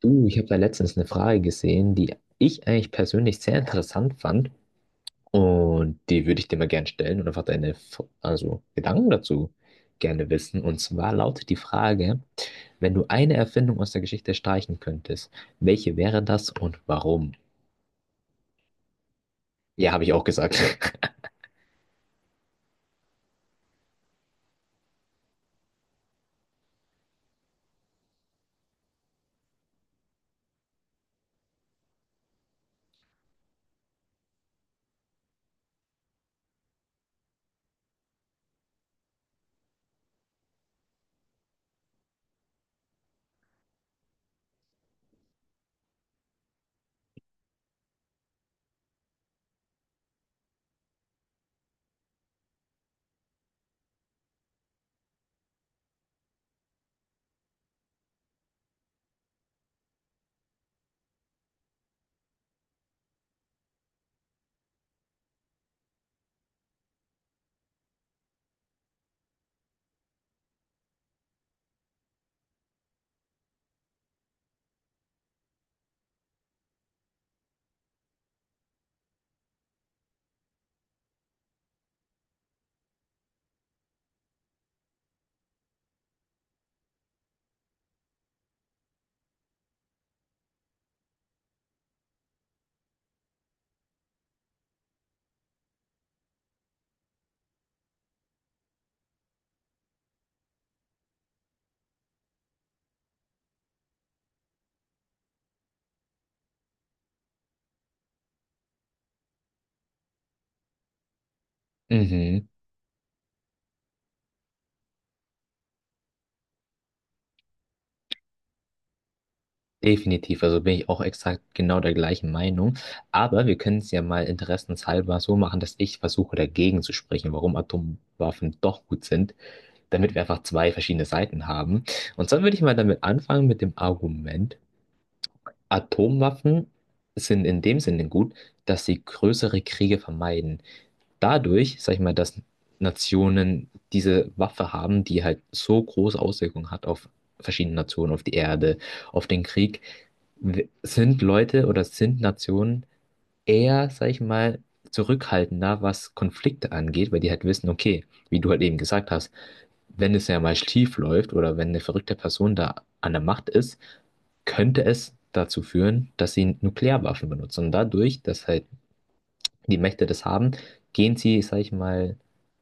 Du, ich habe da letztens eine Frage gesehen, die ich eigentlich persönlich sehr interessant fand, und die würde ich dir mal gerne stellen und einfach deine also Gedanken dazu gerne wissen. Und zwar lautet die Frage, wenn du eine Erfindung aus der Geschichte streichen könntest, welche wäre das und warum? Ja, habe ich auch gesagt. Mhm, definitiv, also bin ich auch exakt genau der gleichen Meinung. Aber wir können es ja mal interessenshalber so machen, dass ich versuche, dagegen zu sprechen, warum Atomwaffen doch gut sind. Damit wir einfach zwei verschiedene Seiten haben. Und zwar würde ich mal damit anfangen, mit dem Argument: Atomwaffen sind in dem Sinne gut, dass sie größere Kriege vermeiden. Dadurch, sag ich mal, dass Nationen diese Waffe haben, die halt so große Auswirkungen hat auf verschiedene Nationen, auf die Erde, auf den Krieg, sind Leute oder sind Nationen eher, sag ich mal, zurückhaltender, was Konflikte angeht, weil die halt wissen, okay, wie du halt eben gesagt hast, wenn es ja mal schief läuft oder wenn eine verrückte Person da an der Macht ist, könnte es dazu führen, dass sie Nuklearwaffen benutzen. Und dadurch, dass halt die Mächte das haben, gehen sie, sag ich mal,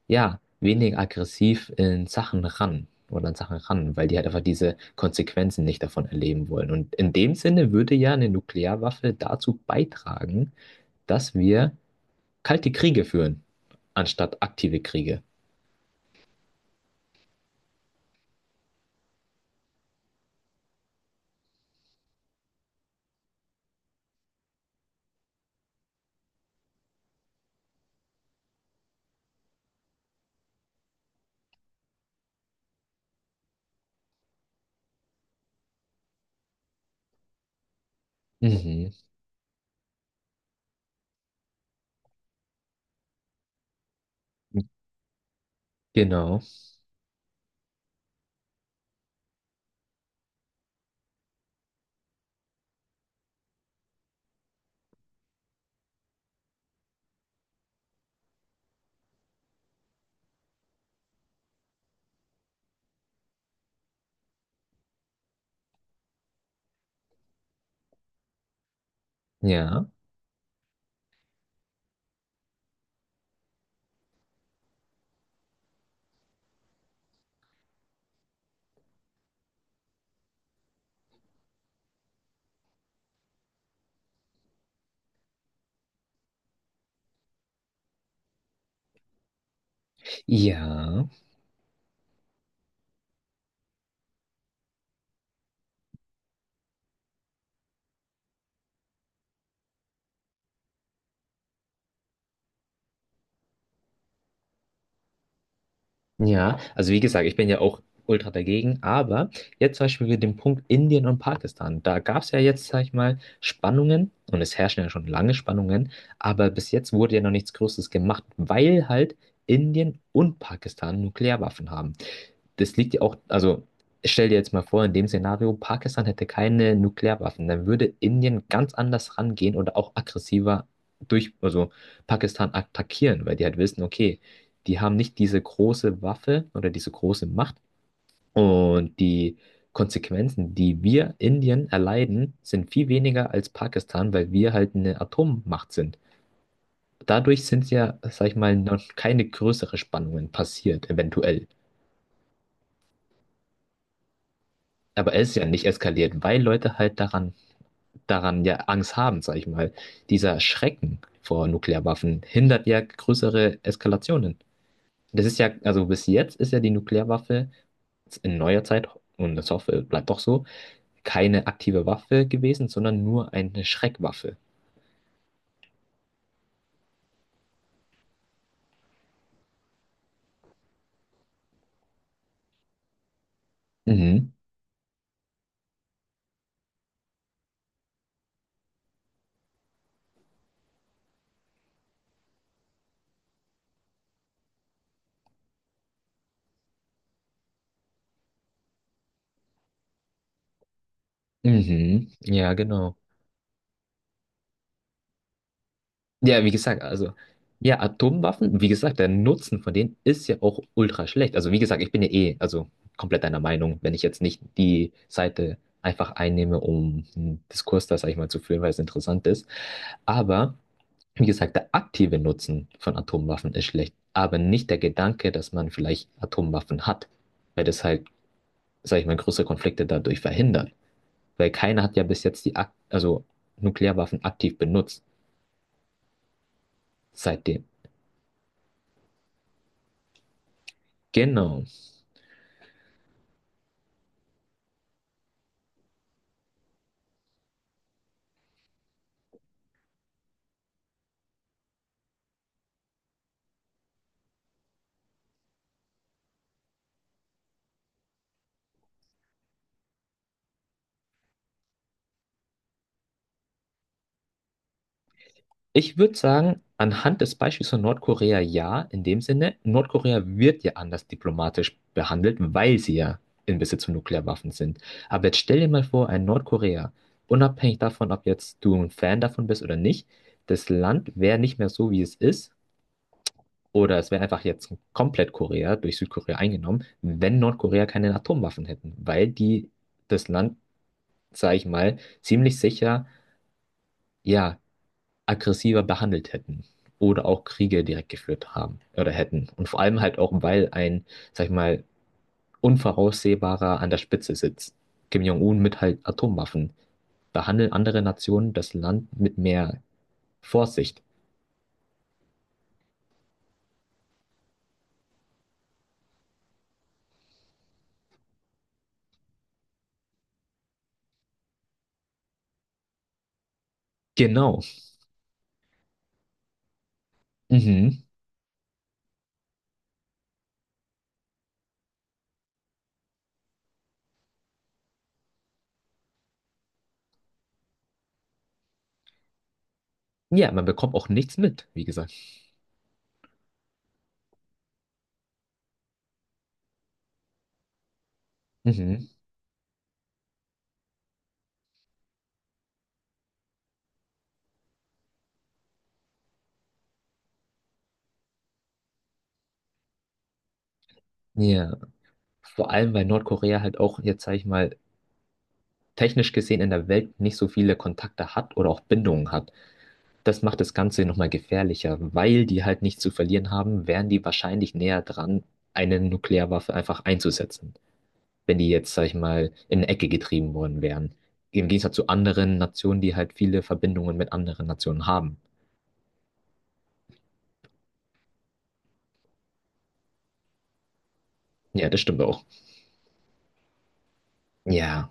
ja, weniger aggressiv in Sachen ran oder an Sachen ran, weil die halt einfach diese Konsequenzen nicht davon erleben wollen. Und in dem Sinne würde ja eine Nuklearwaffe dazu beitragen, dass wir kalte Kriege führen, anstatt aktive Kriege. Mhm. Genau. Ja. Ja, ja. Also, wie gesagt, ich bin ja auch ultra dagegen, aber jetzt zum Beispiel mit dem Punkt Indien und Pakistan: Da gab es ja jetzt, sag ich mal, Spannungen, und es herrschen ja schon lange Spannungen, aber bis jetzt wurde ja noch nichts Großes gemacht, weil halt Indien und Pakistan Nuklearwaffen haben. Das liegt ja auch, also stell dir jetzt mal vor, in dem Szenario, Pakistan hätte keine Nuklearwaffen, dann würde Indien ganz anders rangehen oder auch aggressiver durch, also Pakistan attackieren, weil die halt wissen, okay, die haben nicht diese große Waffe oder diese große Macht, und die Konsequenzen, die wir Indien erleiden, sind viel weniger als Pakistan, weil wir halt eine Atommacht sind. Dadurch sind ja, sag ich mal, noch keine größeren Spannungen passiert, eventuell. Aber es ist ja nicht eskaliert, weil Leute halt daran ja Angst haben, sag ich mal. Dieser Schrecken vor Nuklearwaffen hindert ja größere Eskalationen. Das ist ja, also bis jetzt ist ja die Nuklearwaffe in neuer Zeit, und das hoffe, es bleibt auch so, keine aktive Waffe gewesen, sondern nur eine Schreckwaffe. Mhm. Mhm. Ja, genau. Ja, wie gesagt, also, ja, Atomwaffen, wie gesagt, der Nutzen von denen ist ja auch ultra schlecht. Also, wie gesagt, ich bin ja eh, also komplett deiner Meinung, wenn ich jetzt nicht die Seite einfach einnehme, um einen Diskurs da, sag ich mal, zu führen, weil es interessant ist. Aber, wie gesagt, der aktive Nutzen von Atomwaffen ist schlecht, aber nicht der Gedanke, dass man vielleicht Atomwaffen hat, weil das halt, sag ich mal, größere Konflikte dadurch verhindert. Weil keiner hat ja bis jetzt die Nuklearwaffen aktiv benutzt, seitdem. Genau. Ich würde sagen, anhand des Beispiels von Nordkorea, ja, in dem Sinne: Nordkorea wird ja anders diplomatisch behandelt, weil sie ja in Besitz von Nuklearwaffen sind. Aber jetzt stell dir mal vor, ein Nordkorea, unabhängig davon, ob jetzt du ein Fan davon bist oder nicht, das Land wäre nicht mehr so, wie es ist, oder es wäre einfach jetzt komplett Korea durch Südkorea eingenommen, wenn Nordkorea keine Atomwaffen hätten, weil die das Land, sage ich mal, ziemlich sicher, ja, aggressiver behandelt hätten oder auch Kriege direkt geführt haben oder hätten. Und vor allem halt auch, weil ein, sag ich mal, unvoraussehbarer an der Spitze sitzt. Kim Jong-un mit halt Atomwaffen. Behandeln andere Nationen das Land mit mehr Vorsicht. Genau. Mhm. Ja, man bekommt auch nichts mit, wie gesagt. Mhm. Ja. Vor allem, weil Nordkorea halt auch jetzt, sag ich mal, technisch gesehen in der Welt nicht so viele Kontakte hat oder auch Bindungen hat. Das macht das Ganze nochmal gefährlicher, weil die halt nichts zu verlieren haben, wären die wahrscheinlich näher dran, eine Nuklearwaffe einfach einzusetzen, wenn die jetzt, sag ich mal, in eine Ecke getrieben worden wären. Im Gegensatz zu anderen Nationen, die halt viele Verbindungen mit anderen Nationen haben. Ja, das stimmt auch. Ja,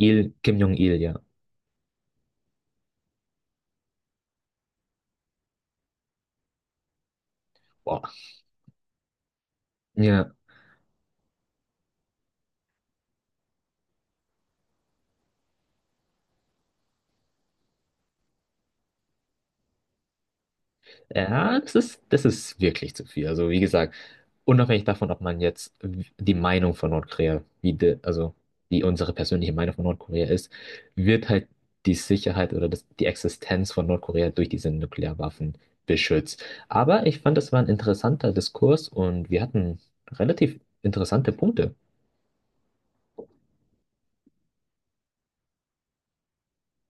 Il, Kim Jong-il, ja. Boah. Ja. Ja, das ist wirklich zu viel. Also, wie gesagt, unabhängig davon, ob man jetzt die Meinung von Nordkorea, wie de, also wie unsere persönliche Meinung von Nordkorea ist, wird halt die Sicherheit oder die Existenz von Nordkorea durch diese Nuklearwaffen beschützt. Aber ich fand, das war ein interessanter Diskurs, und wir hatten relativ interessante Punkte.